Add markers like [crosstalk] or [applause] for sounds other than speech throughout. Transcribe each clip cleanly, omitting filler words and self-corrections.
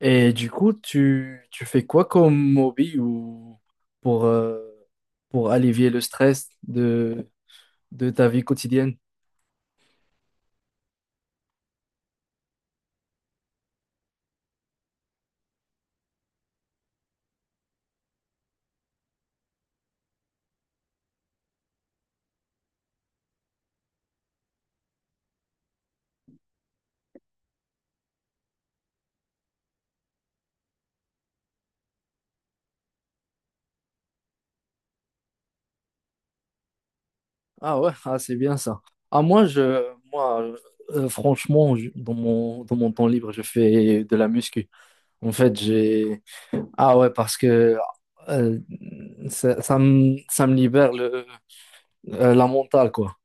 Et du coup, tu fais quoi comme hobby ou pour, euh, pour allévier le stress de ta vie quotidienne? Ah ouais, ah, c'est bien ça. Ah, moi, je, moi franchement, dans dans mon temps libre, je fais de la muscu. En fait, j'ai... Ah ouais, parce que euh, ça me libère le la mentale, quoi.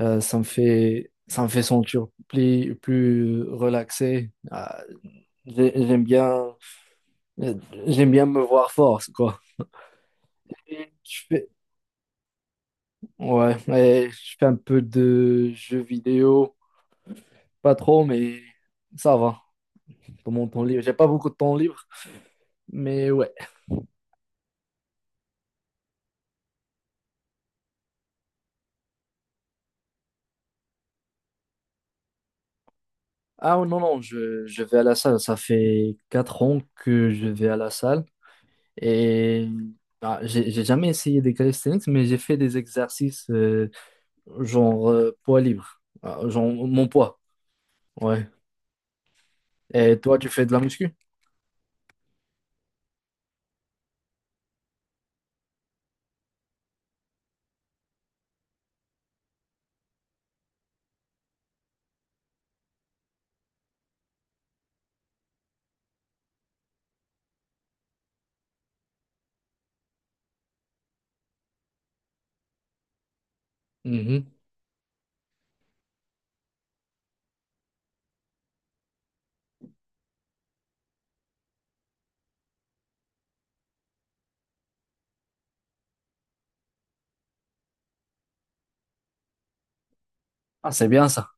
Ça me fait sentir plus relaxé. J'ai- j'aime bien, j'aime bien me voir fort, quoi. Et et je fais un peu de jeux vidéo, pas trop, mais ça va. Dans mon temps libre, j'ai pas beaucoup de temps libre, mais ouais. Ah non, non, je vais à la salle. Ça fait 4 ans que je vais à la salle. Et ah, j'ai jamais essayé des calisthenics, mais j'ai fait des exercices genre poids libre. Ah, genre mon poids. Ouais. Et toi, tu fais de la muscu? Mhm. Ah, c'est bien ça.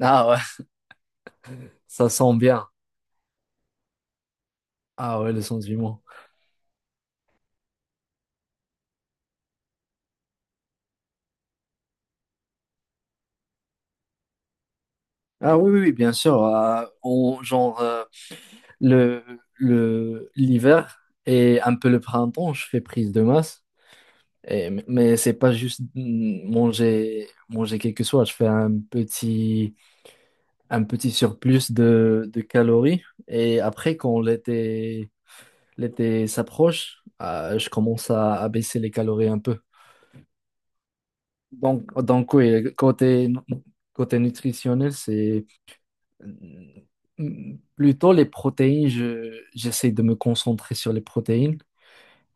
Ah ouais, [laughs] ça sent bien. Ah ouais, le sens du mot. Ah oui, oui, oui, bien sûr. Genre, le, le, l'hiver et un peu le printemps, je fais prise de masse. Mais c'est pas juste manger quelque chose. Je fais un petit surplus de calories. Et après, quand l'été s'approche, je commence à baisser les calories un peu. Donc oui, côté nutritionnel, c'est plutôt les protéines. J'essaie de me concentrer sur les protéines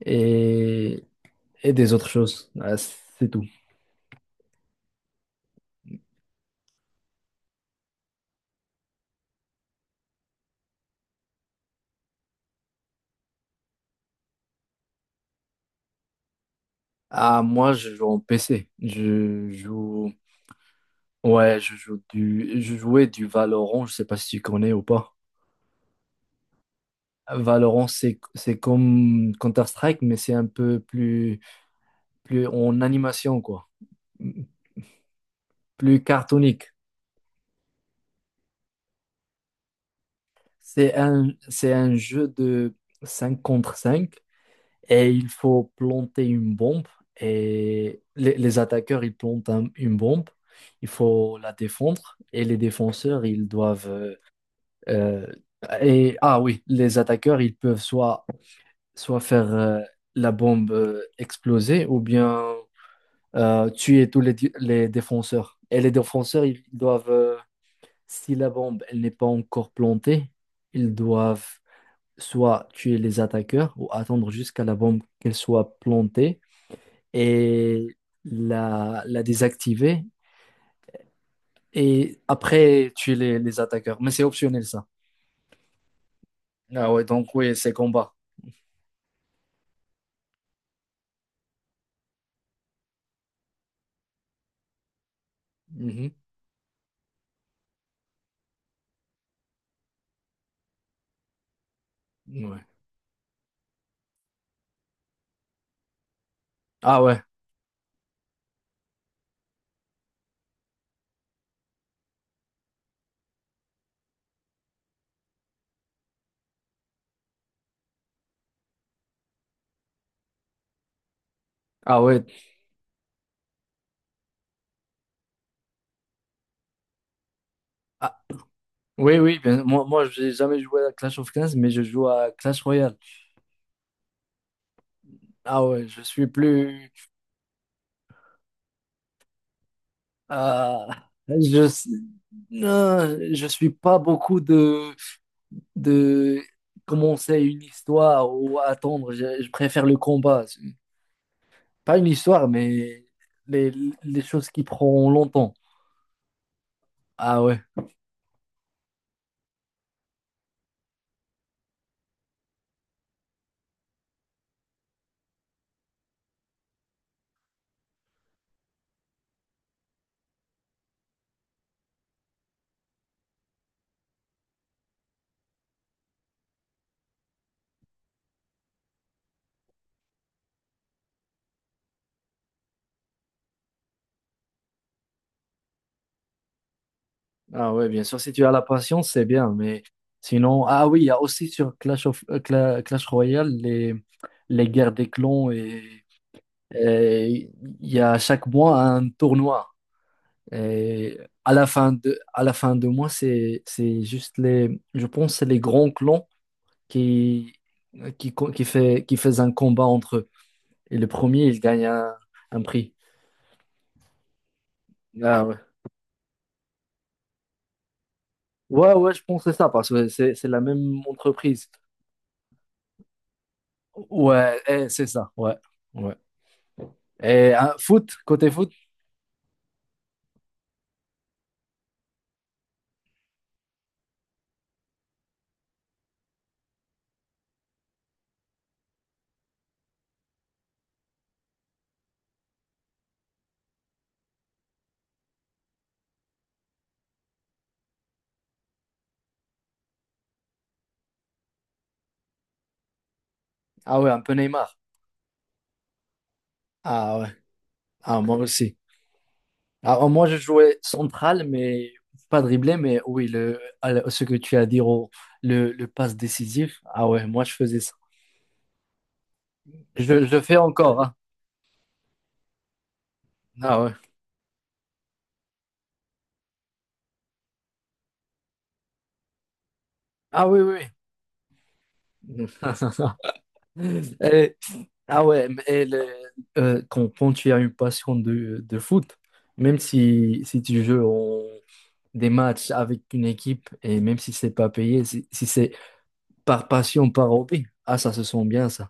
et, et des autres choses. C'est tout. Ah, moi, je joue en PC. Je joue. Ouais, je joue du. je jouais du Valorant. Je sais pas si tu connais ou pas. Valorant, c'est comme Counter-Strike, mais c'est un peu plus en animation quoi, plus cartonique. C'est un jeu de 5 contre 5 et il faut planter une bombe et les attaqueurs ils plantent une bombe, il faut la défendre et les défenseurs ils doivent Euh, et ah oui, les attaqueurs, ils peuvent soit faire la bombe exploser ou bien tuer les défenseurs. Et les défenseurs, ils doivent, si la bombe elle n'est pas encore plantée, ils doivent soit tuer les attaqueurs ou attendre jusqu'à la bombe qu'elle soit plantée et la désactiver et après tuer les attaqueurs. Mais c'est optionnel ça. Ah ouais, donc oui, c'est combat. Mhm. Ouais. Ah ouais, ah ouais. Ah, oui, oui, moi je n'ai jamais joué à Clash of Clans, mais je joue à Clash Royale. Ah ouais, je suis plus. ah, je, s- non, je suis pas beaucoup de commencer une histoire ou attendre. Je préfère le combat. Pas une histoire, mais les, les choses qui prennent longtemps. Ah ouais. Ah ouais, bien sûr, si tu as la patience, c'est bien, mais sinon, ah oui, il y a aussi sur Clash Royale les guerres des clans et il y a chaque mois un tournoi. Et à la fin de mois, c'est juste les, je pense, c'est les grands clans qui, qui, co- qui fait, qui faisaient un combat entre eux. Et le premier, il gagne un prix. Ah ouais. Ouais, ouais, je pense que c'est ça, parce que c'est la même entreprise. Ouais, eh, c'est ça, ouais, ouais. Et hein, côté foot, ah ouais, un peu Neymar. Ah ouais, ah, moi aussi. Ah, moi, je jouais central, mais pas dribblé, mais oui, le, à ce que tu as dit, au- le passe décisif. Ah ouais, moi, je faisais ça. Je fais encore, hein. Ah ouais. Ah oui, oui, oui. [laughs] Et- ah ouais, quand tu as une passion de foot, même si tu joues des matchs avec une équipe et même si c'est pas payé, si c'est par passion, par hobby, ah ça se sent bien ça.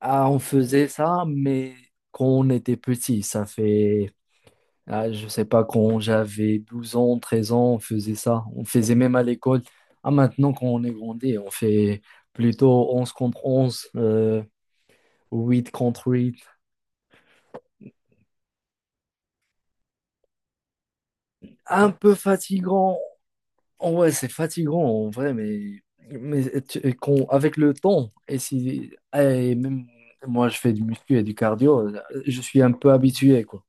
Ah on faisait ça, mais quand on était petit, ah, je sais pas, quand j'avais 12 ans, 13 ans, on faisait ça. On faisait même à l'école. Ah maintenant quand on est grandi, on fait plutôt 11 contre 11 8 contre 8. Un peu fatigant. Oh ouais, c'est fatigant en vrai, mais avec le temps, et si, et même moi je fais du muscu et du cardio, je suis un peu habitué, quoi.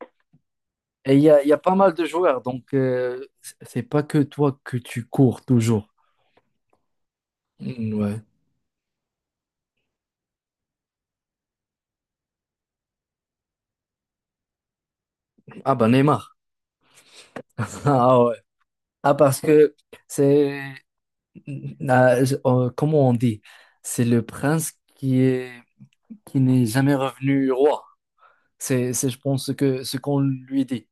Et il y a pas mal de joueurs, donc c'est pas que toi que tu cours toujours. Mm, ouais. Ah bah Neymar. [laughs] Ah ouais. Ah parce que c'est, comment on dit? C'est le prince qui n'est jamais revenu roi. Je pense, ce qu'on lui dit.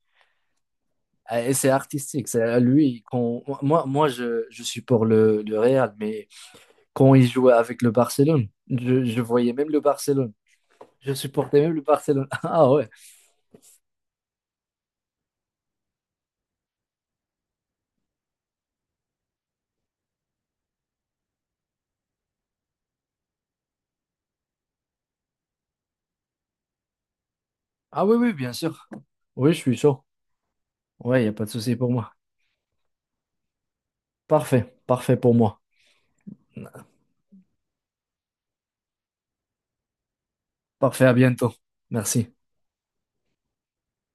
Et c'est artistique. C'est lui, quand, moi je suis pour le Real, mais quand il jouait avec le Barcelone, je voyais même le Barcelone. Je supportais même le Barcelone. [laughs] Ah ouais. Ah oui, oui, bien sûr. Oui, je suis chaud. Ouais, il n'y a pas de souci pour moi. Parfait, parfait pour moi. Parfait, à bientôt. Merci.